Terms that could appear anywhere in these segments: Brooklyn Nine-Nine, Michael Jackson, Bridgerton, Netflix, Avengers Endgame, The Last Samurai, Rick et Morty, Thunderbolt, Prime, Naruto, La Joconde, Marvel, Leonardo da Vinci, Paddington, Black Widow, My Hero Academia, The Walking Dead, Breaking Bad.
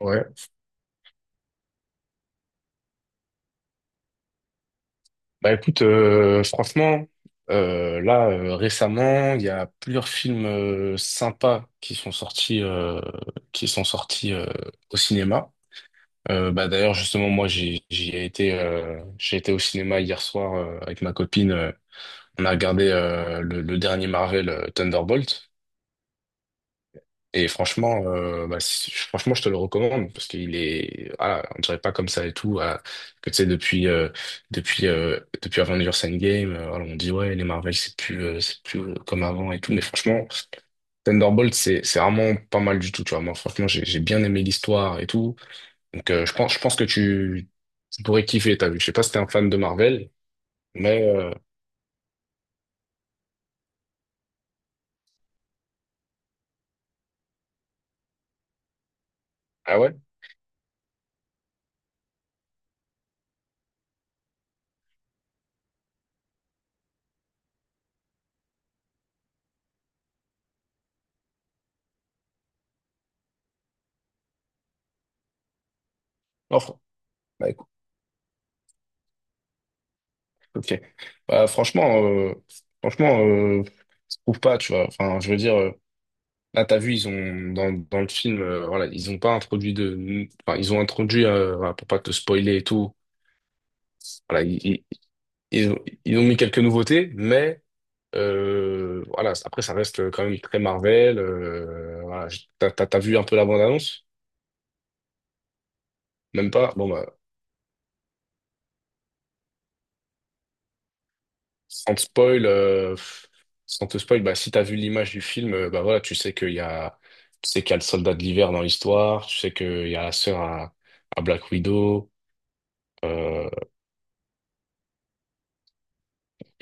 Ouais. Bah écoute, franchement, là récemment, il y a plusieurs films sympas qui sont sortis, qui sont sortis euh, au cinéma. Bah d'ailleurs justement moi j'ai été au cinéma hier soir avec ma copine. On a regardé le dernier Marvel, Thunderbolt. Et franchement, franchement, je te le recommande parce qu'il est, voilà, on dirait pas comme ça et tout. Voilà, que tu sais, depuis, euh, depuis Avengers Endgame, voilà, on dit ouais, les Marvel, c'est plus, comme avant et tout. Mais franchement, Thunderbolt, c'est vraiment pas mal du tout. Tu vois, moi, franchement, j'ai bien aimé l'histoire et tout. Donc, je pense que tu pourrais kiffer. T'as vu, je sais pas si t'es un fan de Marvel, mais ah ouais, non, fr- bah, écoute, ok. Bah, franchement, je trouve pas. Tu vois, enfin, je veux dire. Là, t'as vu, ils ont dans le film, ils ont introduit, voilà, pour pas te spoiler et tout. Voilà, ils ont, ils ont mis quelques nouveautés, mais voilà, après ça reste quand même très Marvel. T'as vu un peu la bande-annonce? Même pas? Bon bah, sans te spoil, euh, pff, sans te spoil, bah si t'as vu l'image du film, bah voilà, tu sais qu'il y a le soldat de l'hiver dans l'histoire, tu sais qu'il y a la sœur à Black Widow. euh,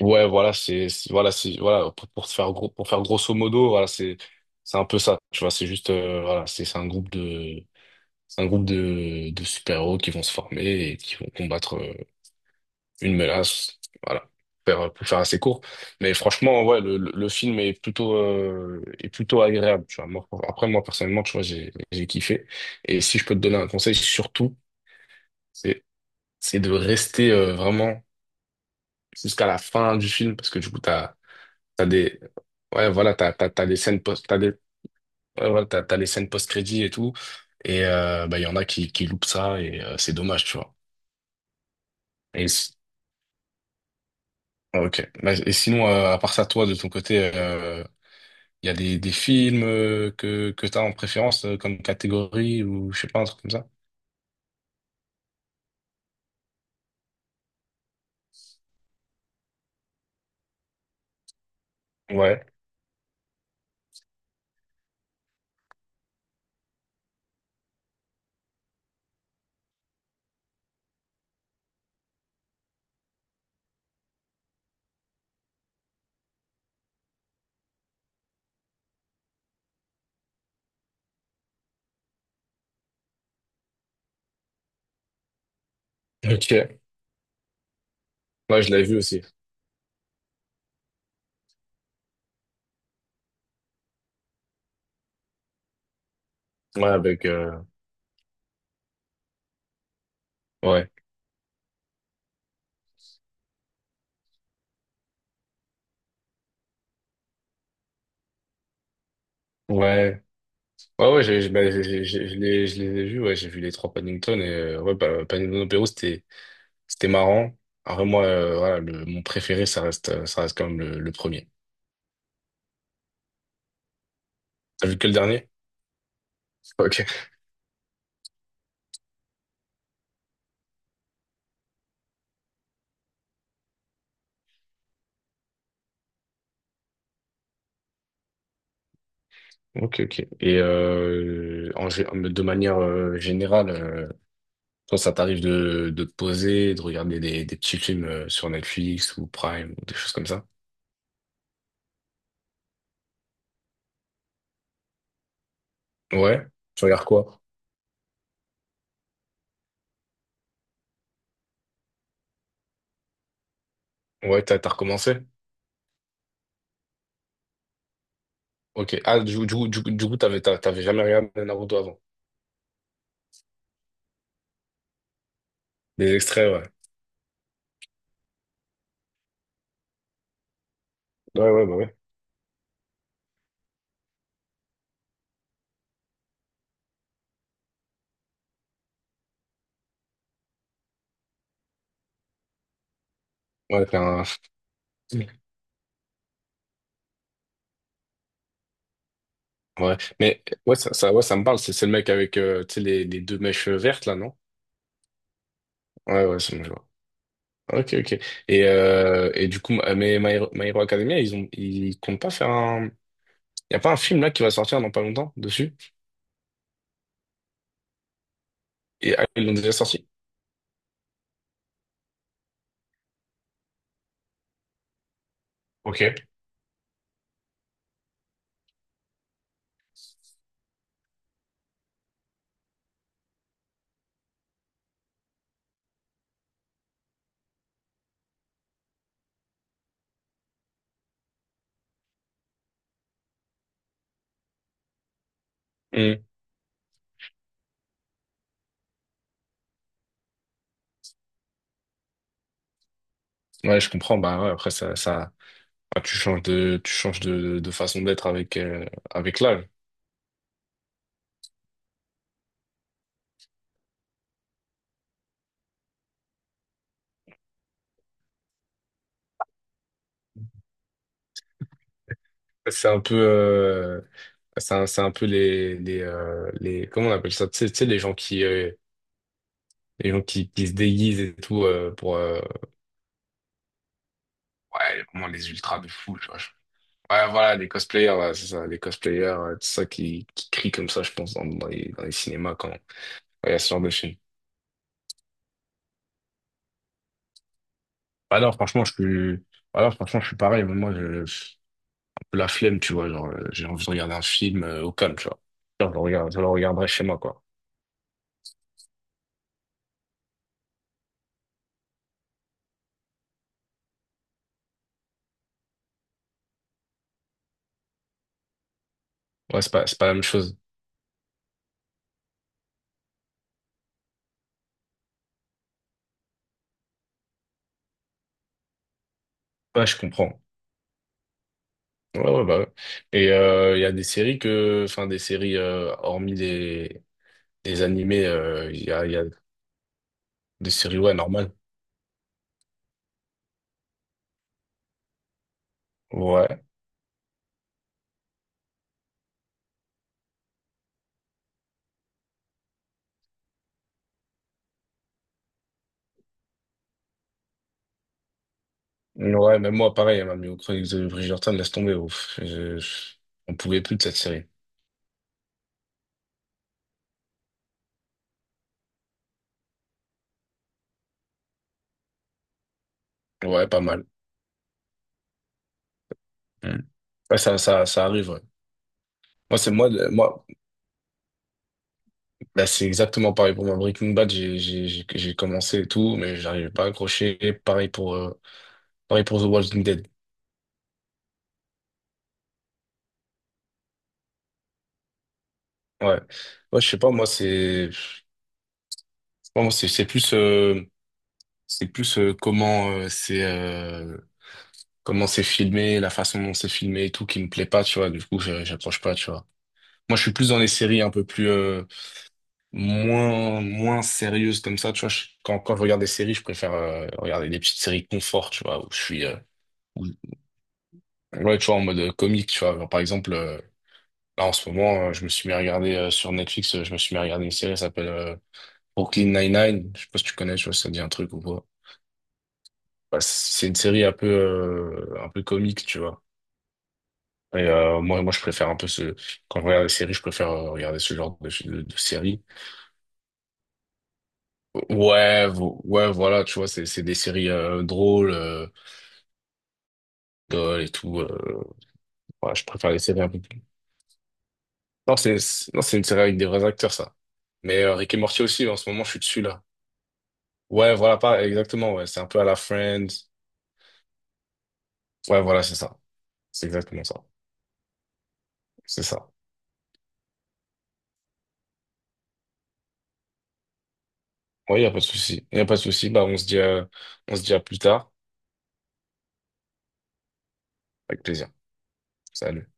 Ouais, voilà, pour faire gros, pour faire grosso modo, voilà, c'est un peu ça, tu vois, c'est juste, c'est un groupe de super-héros qui vont se former et qui vont combattre une menace, voilà, pour faire assez court. Mais franchement, ouais, le film est plutôt agréable, tu vois. Moi, après, moi, personnellement, tu vois, j'ai kiffé. Et si je peux te donner un conseil, surtout, c'est, c'est de rester vraiment jusqu'à la fin du film parce que du coup, T'as des, ouais, voilà, t'as des scènes post, ouais, voilà, t'as les scènes post-crédit et tout. Et, bah, il y en a qui loupent ça et c'est dommage, tu vois. Et, s- ah, ok. Bah, et sinon, à part ça, toi, de ton côté, il y a des films que t'as en préférence comme catégorie, ou je sais pas, un truc comme ça? Ouais. Ok. Ouais, je l'avais vu aussi. Ouais, avec, ouais. Ouais. Ouais, ouais, je les ai vus, ouais, j'ai vu les trois Paddington et, ouais, bah, Paddington au c'était, c'était marrant. Après, moi, mon préféré, ça reste quand même le premier. T'as vu que le dernier? Ok. Ok, ok. Et de manière générale, toi, ça t'arrive de te poser, de regarder des petits films sur Netflix ou Prime ou des choses comme ça? Ouais. Tu regardes quoi? Ouais, t'as recommencé? Ok. Ah, du coup, t'avais jamais regardé Naruto avant. Des extraits, ouais. Ouais, ouais, bah ouais. Ouais, t'es un, Ouais, mais ouais, ça me parle. C'est le mec avec tu sais, les deux mèches vertes, là, non? Ouais, ouais, c'est bon, je ok, ok. Et du coup, ma- mais My Hero, My Hero Academia, ils comptent pas faire un. Y a pas un film là qui va sortir dans pas longtemps dessus? Et ah, ils l'ont déjà sorti? Ok. Hmm. Ouais, je comprends. Bah ouais, après, ça, ah, tu changes de façon d'être avec, avec l'âge. C'est un peu, euh, c'est c'est un peu les, comment on appelle ça? Tu sais, les gens qui se déguisent et tout pour ouais vraiment les ultras de fou, tu vois, je- ouais voilà les cosplayers, ouais, c'est ça, les cosplayers, c'est ça qui crient comme ça je pense dans dans les cinémas quand il y a ce genre de film. alors franchement je suis alors franchement je suis pareil, mais moi je, un peu la flemme, tu vois, genre j'ai envie de regarder un film au calme, tu vois. Genre, je le regarderai chez moi quoi. Ouais, c'est pas la même chose. Ouais, je comprends. Ouais ouais bah ouais. Et il y a des séries que enfin des séries hormis des animés, il y a des séries, ouais, normal. Ouais. Ouais, même moi, pareil, elle m'a mis aux chroniques de Bridgerton, laisse tomber. Ouf. On pouvait plus de cette série. Ouais, pas mal. Mm. Ouais, ça arrive, ouais. Moi, c'est moi, le- moi, bah, C'est exactement pareil pour moi. Breaking Bad, j'ai commencé et tout, mais j'arrivais pas à accrocher. Pareil pour, euh, pareil pour The Walking Dead. Ouais. Ouais, je sais pas, moi, c'est, je moi, c'est plus, c'est plus, euh, comment, euh, c'est, euh, comment c'est filmé, la façon dont c'est filmé et tout qui me plaît pas, tu vois. Du coup, je- j'accroche pas, tu vois. Moi, je suis plus dans les séries un peu plus moins moins sérieuses comme ça. Tu vois, je- quand je regarde des séries, je préfère regarder des petites séries confort, tu vois, où je suis où- ouais, tu vois, en mode comique, tu vois. Genre, par exemple, là en ce moment, je me suis mis à regarder sur Netflix, je me suis mis à regarder une série, elle s'appelle Brooklyn Nine-Nine. Je sais pas si tu connais, tu vois, si ça te dit un truc ou quoi. Bah, c'est une série un peu comique, tu vois. Et moi, je préfère un peu ce quand je regarde des séries, je préfère regarder ce genre de séries. Ouais, ouais, voilà, tu vois, c'est des séries drôles et tout. Ouais, je préfère les séries un peu plus. Non, c'est une série avec des vrais acteurs, ça. Mais Rick et Morty aussi, en ce moment, je suis dessus là. Ouais, voilà, pas exactement. Ouais, c'est un peu à la Friends. Ouais, voilà, c'est ça. C'est exactement ça. C'est ça. Ouais, y a pas de souci. Y a pas de souci. Bah, on se dit à plus tard. Avec plaisir. Salut.